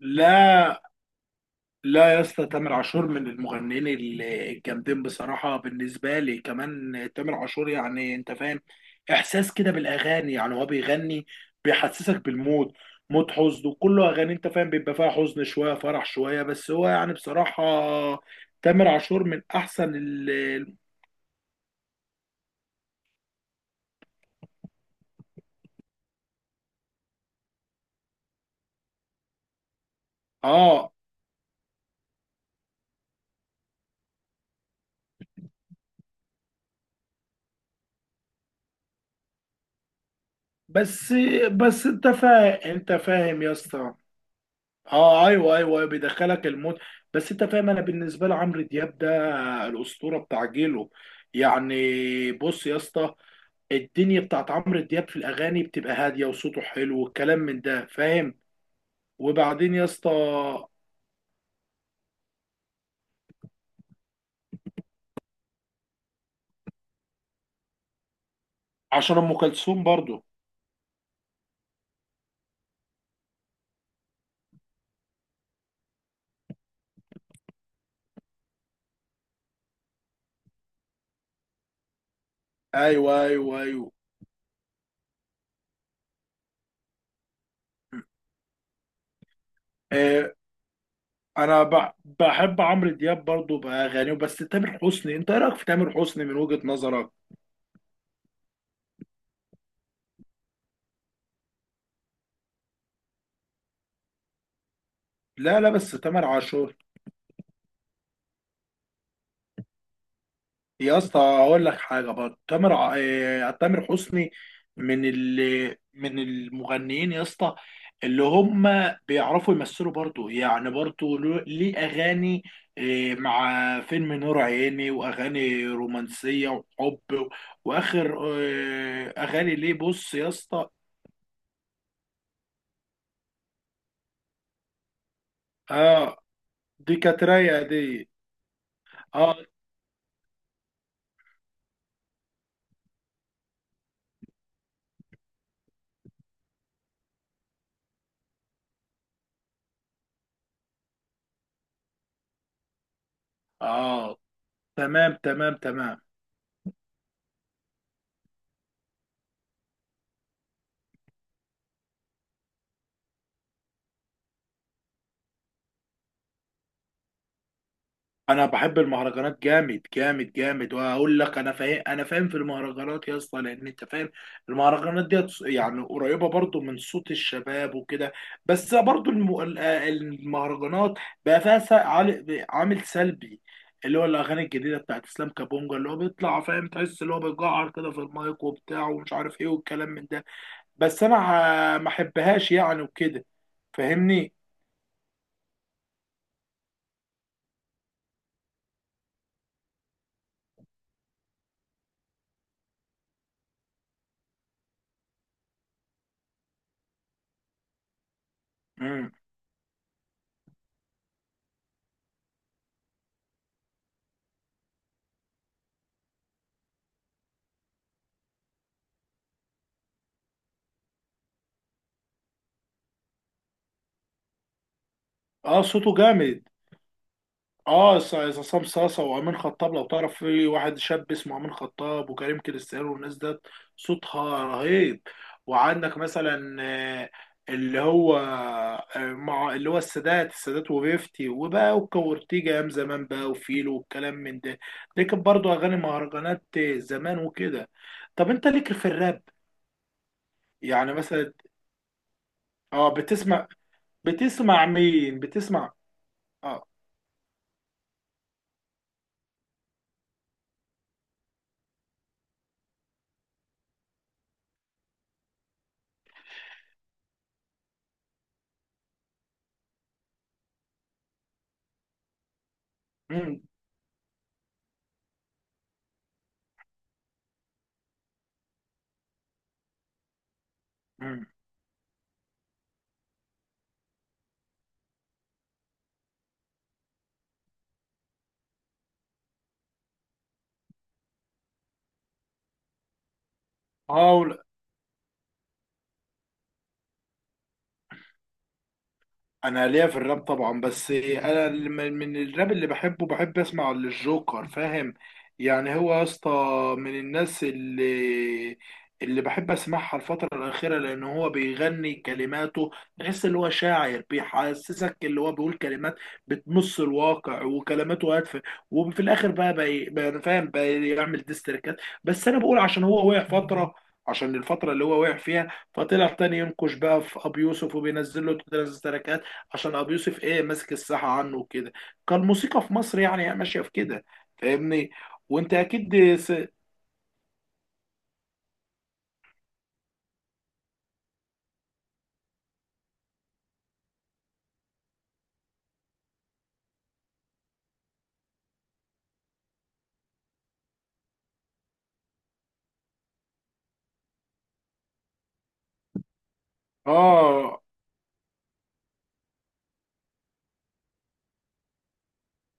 لا، لا، يا اسطى، تامر عاشور من المغنيين الجامدين بصراحة. بالنسبة لي كمان تامر عاشور يعني انت فاهم، احساس كده بالاغاني. يعني هو بيغني، بيحسسك بالمود، مود حزن وكله اغاني، انت فاهم بيبقى فيها حزن شوية فرح شوية. بس هو يعني بصراحة تامر عاشور من احسن اه، بس بس انت فاهم يا اسطى. اه، ايوه، ايوه، أيوة، بيدخلك المود. بس انت فاهم، انا بالنسبة لي عمرو دياب ده الاسطوره بتاع جيله يعني. بص يا اسطى، الدنيا بتاعت عمرو دياب في الاغاني بتبقى هاديه وصوته حلو والكلام من ده فاهم. وبعدين يا اسطى، عشان ام كلثوم برضو. ايوه، ايوه، ايوه، آه انا بحب عمرو دياب برضو باغانيه. بس تامر حسني، انت ايه رايك في تامر حسني من وجهه نظرك؟ لا، لا. بس تامر عاشور، يا اسطى اقول لك حاجه برضه. تامر ع- آه، تامر حسني من ال من المغنيين يا اسطى اللي هم بيعرفوا يمثلوا برضه، يعني برضه ليه اغاني، مع فيلم نور عيني واغاني رومانسيه وحب واخر اغاني ليه. بص يا اسطى، اه دي كانت رايقه دي. اه، اه، تمام، تمام، تمام. انا بحب المهرجانات جامد جامد جامد. وهقول لك انا فاهم، في المهرجانات يا اسطى، لان انت فاهم المهرجانات دي يعني قريبه برضو من صوت الشباب وكده. بس برضو المهرجانات بقى فيها عامل سلبي، اللي هو الاغاني الجديده بتاعت اسلام كابونجا اللي هو بيطلع فاهم، تحس اللي هو بيجعر كده في المايك وبتاع ومش عارف ايه والكلام من ده. بس انا ما احبهاش يعني وكده، فاهمني. امم اه، صوته جامد. اه، عصام صاصة وامين خطاب، لو تعرف في واحد شاب اسمه امين خطاب وكريم كريستيانو والناس ده، صوتها رهيب. وعندك مثلا آه، اللي هو مع اللي هو السادات، السادات وفيفتي وبقى وكورتيجا ايام زمان بقى وفيلو والكلام من ده. دي كانت برضه اغاني مهرجانات زمان وكده. طب انت ليك في الراب يعني مثلا؟ اه، بتسمع؟ بتسمع مين؟ بتسمع؟ اه، مم، مم. اه، انا ليا في الراب طبعا، بس انا اللي من الراب اللي بحبه، بحب اسمع للجوكر فاهم. يعني هو يا اسطى من الناس اللي اللي بحب اسمعها الفترة الأخيرة، لأن هو بيغني كلماته، تحس اللي هو شاعر بيحسسك اللي هو بيقول كلمات بتمس الواقع وكلماته هادفة. وفي الآخر بقى بقى فاهم بيعمل ديستركات. بس أنا بقول عشان هو وقع فترة، عشان الفترة اللي هو وقع فيها فطلع تاني ينقش بقى في أبي يوسف وبينزل له 3 تراكات، عشان ابو يوسف ايه ماسك الساحه عنه وكده. كان الموسيقى في مصر يعني ماشيه في كده، فاهمني. وانت اكيد اه،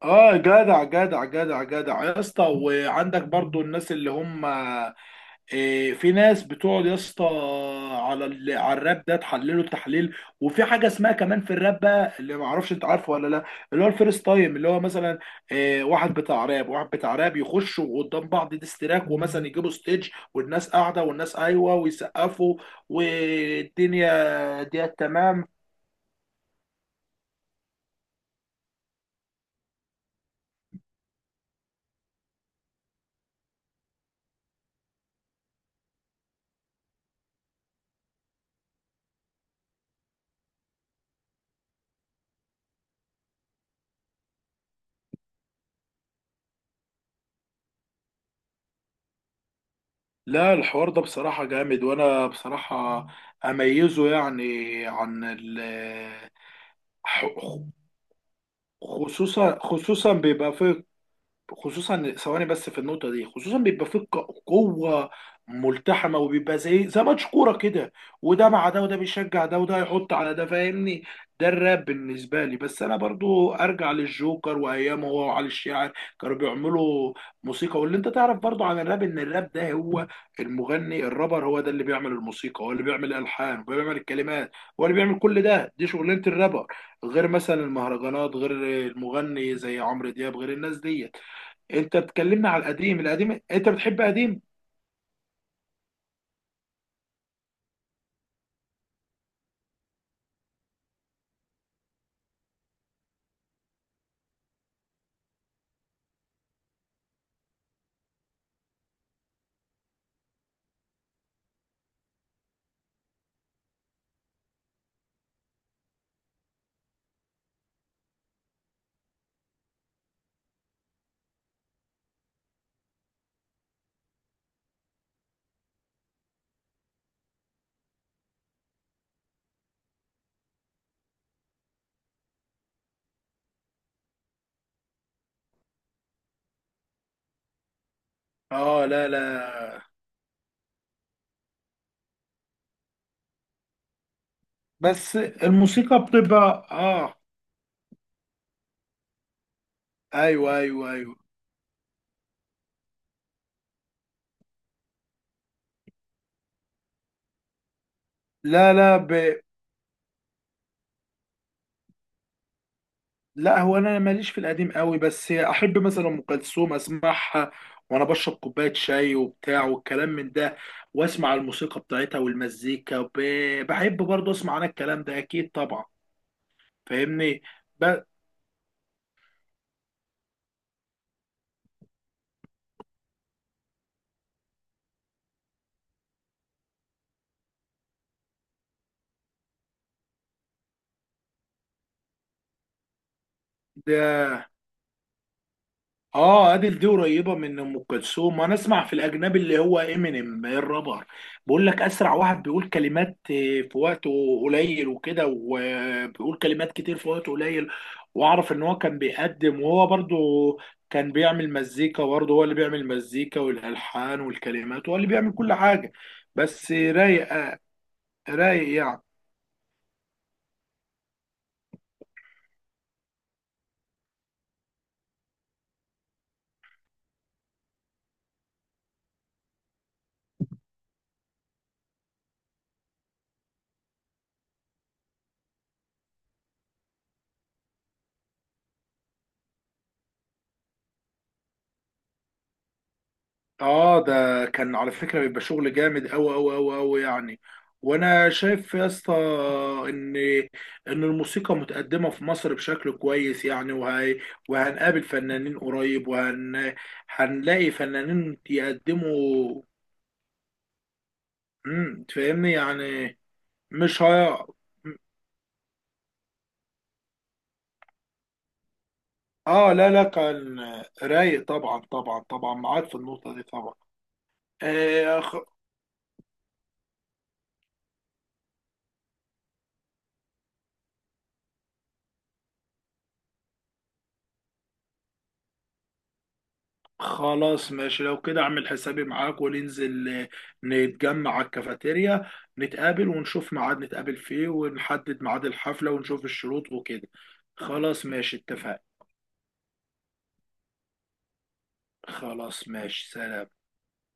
اه، جدع جدع جدع جدع يا اسطى. وعندك برضو الناس اللي هم إيه، في ناس بتقعد يا اسطى على على الراب ده تحلله التحليل. وفي حاجه اسمها كمان في الراب بقى اللي ما اعرفش انت عارفه ولا لا، اللي هو الفيرست تايم اللي هو مثلا إيه، واحد بتاع راب واحد بتاع راب يخشوا قدام بعض ديستراك، ومثلا يجيبوا ستيج والناس قاعده والناس ايوه ويسقفوا والدنيا دي تمام. لا، الحوار ده بصراحه جامد وانا بصراحه اميزه يعني عن ال خصوصا خصوصا بيبقى في خصوصا ثواني بس في النقطه دي. خصوصا بيبقى فيه قوه ملتحمه، وبيبقى زي ماتش كوره كده، وده مع ده، وده بيشجع ده، وده يحط على ده، فاهمني. ده الراب بالنسبه لي. بس انا برضو ارجع للجوكر وايامه، هو وعلي الشاعر كانوا بيعملوا موسيقى. واللي انت تعرف برضو عن الراب ان الراب ده هو المغني الرابر هو ده اللي بيعمل الموسيقى، هو اللي بيعمل الالحان، هو اللي بيعمل الكلمات، هو اللي بيعمل كل ده. دي شغلانه الرابر، غير مثلا المهرجانات، غير المغني زي عمرو دياب، غير الناس دي. انت بتكلمني على القديم؟ القديم، انت بتحب قديم؟ اه، لا، لا. بس الموسيقى بتبقى اه. ايوه، ايوه، ايوه. لا، لا، لا هو انا ماليش في القديم قوي، بس احب مثلا ام كلثوم اسمعها وانا بشرب كوبايه شاي وبتاع والكلام من ده، واسمع الموسيقى بتاعتها والمزيكا بحب برضه اسمع انا الكلام ده اكيد طبعا، فاهمني. ب... ده، اه، ادل دي قريبه من ام كلثوم. وانا اسمع في الاجنبي اللي هو امينيم الرابر، بيقول لك اسرع واحد بيقول كلمات في وقت قليل وكده، وبيقول كلمات كتير في وقت قليل. واعرف ان هو كان بيقدم، وهو برضو كان بيعمل مزيكا برضه، هو اللي بيعمل مزيكا والالحان والكلمات، هو اللي بيعمل كل حاجه. بس رايق رايق يعني. اه، ده كان على فكرة بيبقى شغل جامد أوي أوي أوي أوي يعني. وانا شايف يا اسطى ان الموسيقى متقدمه في مصر بشكل كويس يعني، وهنقابل فنانين قريب، هنلاقي فنانين يقدموا. تفهمني يعني، مش هي. اه، لا، لا. كان رايق، طبعا، طبعا، طبعا معاك في النقطه دي طبعا. آه خلاص ماشي لو كده، اعمل حسابي معاك وننزل، نتجمع على الكافيتيريا، نتقابل ونشوف ميعاد نتقابل فيه ونحدد ميعاد الحفلة ونشوف الشروط وكده. خلاص ماشي، اتفقنا. خلاص ماشي، سلام.